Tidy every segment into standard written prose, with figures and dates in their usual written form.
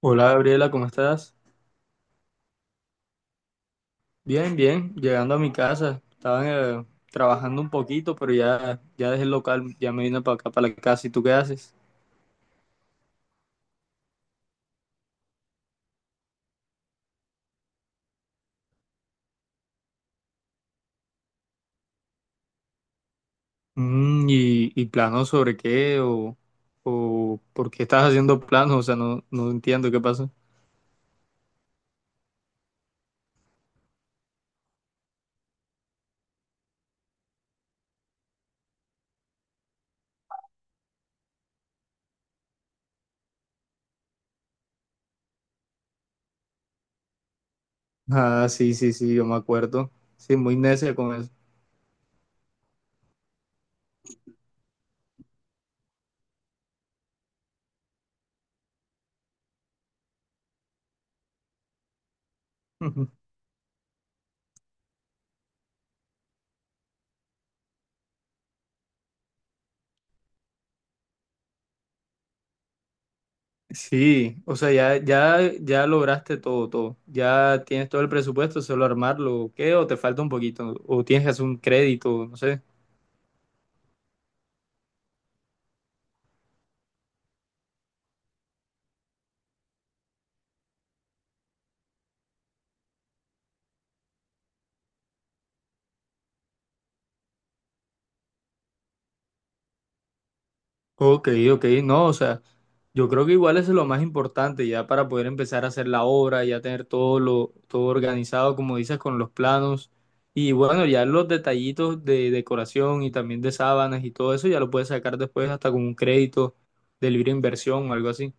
Hola Gabriela, ¿cómo estás? Bien, bien, llegando a mi casa. Estaba trabajando un poquito, pero ya dejé el local, ya me vine para acá, para la casa. ¿Y tú qué haces? ¿Y planos sobre qué? O por qué estás haciendo planos? O sea, no, no entiendo qué pasó. Ah, sí, sí, sí, yo me acuerdo. Sí, muy necia con eso. Sí, o sea, ya, ya, ya lograste todo, todo. Ya tienes todo el presupuesto, solo armarlo, ¿o ¿qué? ¿O te falta un poquito? ¿O tienes que hacer un crédito? No sé. Ok, ok, no, o sea, yo creo que igual eso es lo más importante ya para poder empezar a hacer la obra, ya tener todo organizado, como dices, con los planos. Y bueno, ya los detallitos de decoración y también de sábanas y todo eso ya lo puedes sacar después hasta con un crédito de libre inversión o algo así.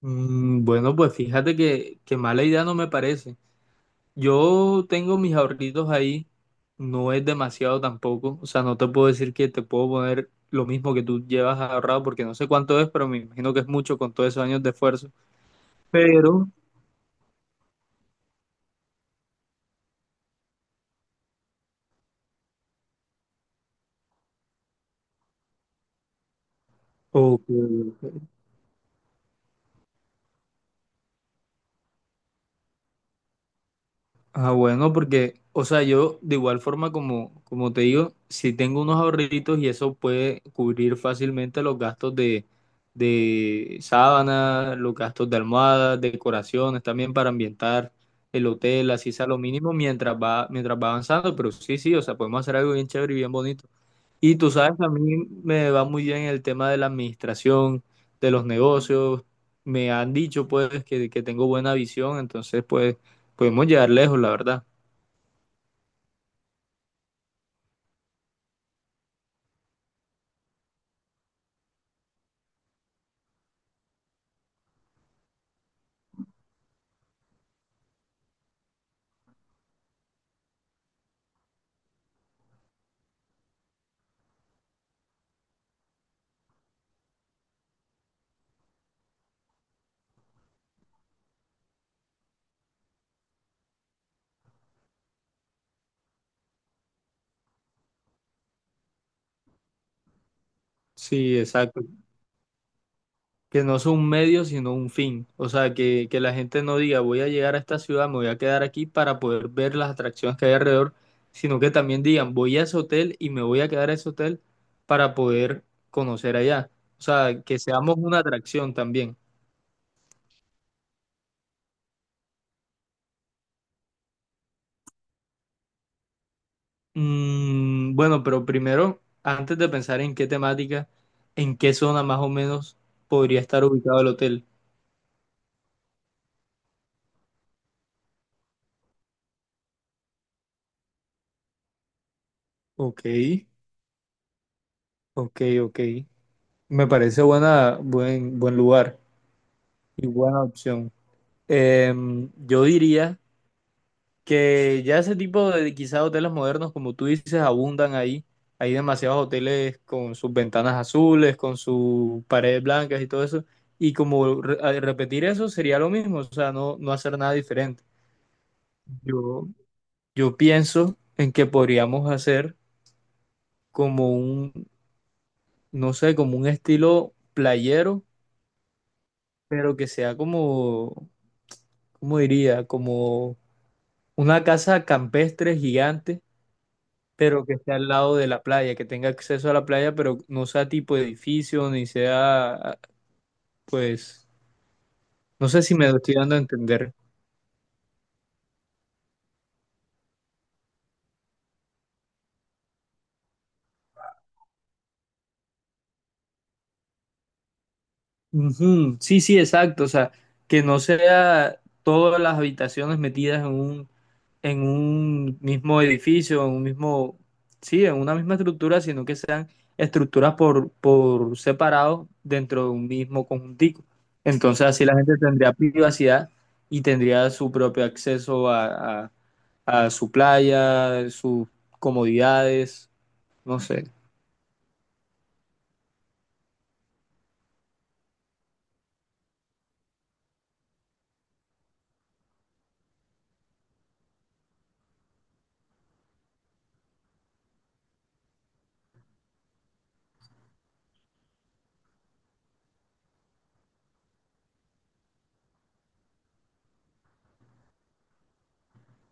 Mm, bueno, pues fíjate que mala idea no me parece. Yo tengo mis ahorritos ahí, no es demasiado tampoco, o sea, no te puedo decir que te puedo poner lo mismo que tú llevas ahorrado porque no sé cuánto es, pero me imagino que es mucho con todos esos años de esfuerzo. Pero, ok. Ah, bueno, porque, o sea, yo de igual forma como te digo, si tengo unos ahorritos y eso puede cubrir fácilmente los gastos de sábana, los gastos de almohadas, decoraciones, también para ambientar el hotel, así sea lo mínimo mientras va avanzando, pero sí, sí, o sea, podemos hacer algo bien chévere y bien bonito. Y tú sabes, a mí me va muy bien el tema de la administración, de los negocios. Me han dicho pues que tengo buena visión, entonces pues podemos llegar lejos, la verdad. Sí, exacto. Que no soy un medio, sino un fin. O sea, que la gente no diga voy a llegar a esta ciudad, me voy a quedar aquí para poder ver las atracciones que hay alrededor, sino que también digan voy a ese hotel y me voy a quedar a ese hotel para poder conocer allá. O sea, que seamos una atracción también. Mm, bueno, pero primero, antes de pensar en qué temática, en qué zona más o menos podría estar ubicado el hotel. Ok, ok, ok. Me parece buen lugar y buena opción. Yo diría que ya ese tipo de quizá hoteles modernos, como tú dices, abundan ahí. Hay demasiados hoteles con sus ventanas azules, con sus paredes blancas y todo eso. Y como repetir eso sería lo mismo, o sea, no, no hacer nada diferente. Yo, yo pienso en que podríamos hacer como un, no sé, como un estilo playero, pero que sea como, ¿cómo diría? Como una casa campestre gigante, pero que esté al lado de la playa, que tenga acceso a la playa, pero no sea tipo edificio, ni sea, pues, no sé si me lo estoy dando a entender. Ujú. Sí, sí, exacto. O sea, que no sea todas las habitaciones metidas en un mismo edificio, sí, en una misma estructura, sino que sean estructuras por separado dentro de un mismo conjuntico. Entonces así la gente tendría privacidad y tendría su propio acceso a su playa, sus comodidades, no sé.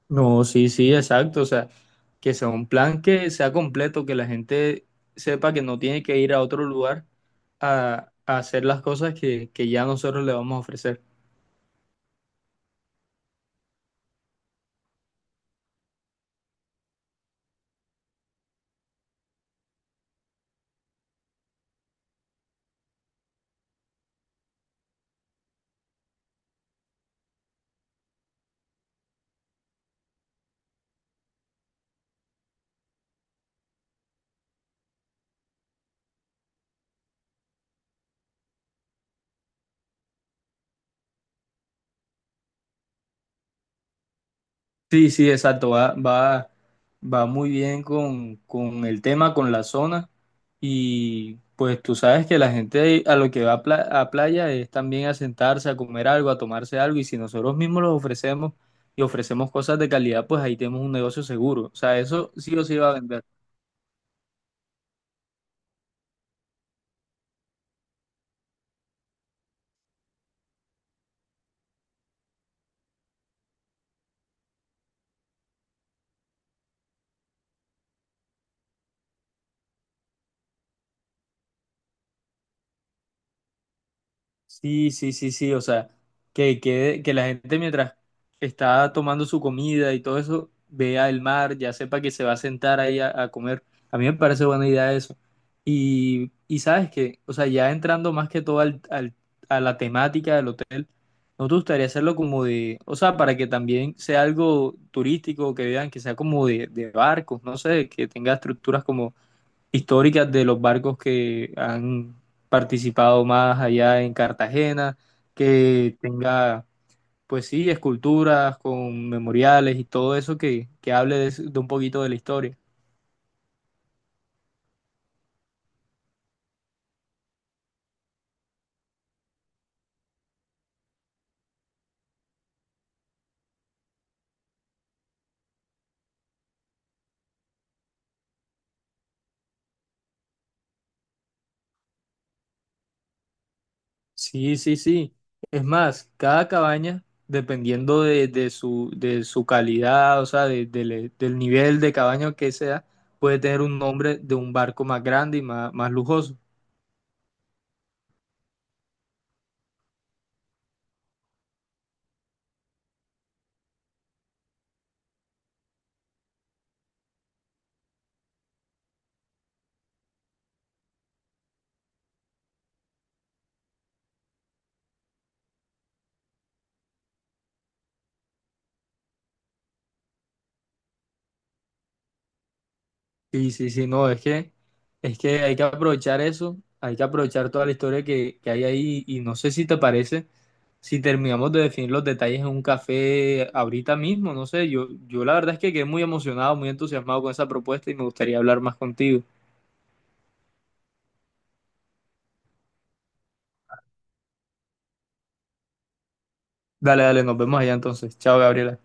No, sí, sí, exacto. O sea, que sea un plan que sea completo, que la gente sepa que no tiene que ir a otro lugar a hacer las cosas que ya nosotros le vamos a ofrecer. Sí, sí, exacto. Va muy bien con el tema, con la zona. Y pues tú sabes que la gente a lo que va a, a playa es también a sentarse, a comer algo, a tomarse algo. Y si nosotros mismos los ofrecemos y ofrecemos cosas de calidad, pues ahí tenemos un negocio seguro. O sea, eso sí o sí va a vender. Sí, sí, sí, sí, o sea, que la gente mientras está tomando su comida y todo eso, vea el mar, ya sepa que se va a sentar ahí a comer. A mí me parece buena idea eso. Y sabes que, o sea, ya entrando más que todo a la temática del hotel, ¿no te gustaría hacerlo como de, o sea, para que también sea algo turístico, que vean que sea como de barcos, no sé, que tenga estructuras como históricas de los barcos que han participado más allá en Cartagena, que tenga, pues sí, esculturas con memoriales y todo eso que hable de un poquito de la historia. Sí, sí, sí. Es más, cada cabaña, dependiendo de, de su calidad, o sea, del nivel de cabaña que sea, puede tener un nombre de un barco más grande y más, más lujoso. Sí, sí, sí, no, es que hay que aprovechar eso, hay que aprovechar toda la historia que hay ahí y no sé si te parece, si terminamos de definir los detalles en un café ahorita mismo, no sé, yo la verdad es que quedé muy emocionado, muy entusiasmado con esa propuesta y me gustaría hablar más contigo. Dale, dale, nos vemos allá entonces. Chao, Gabriela.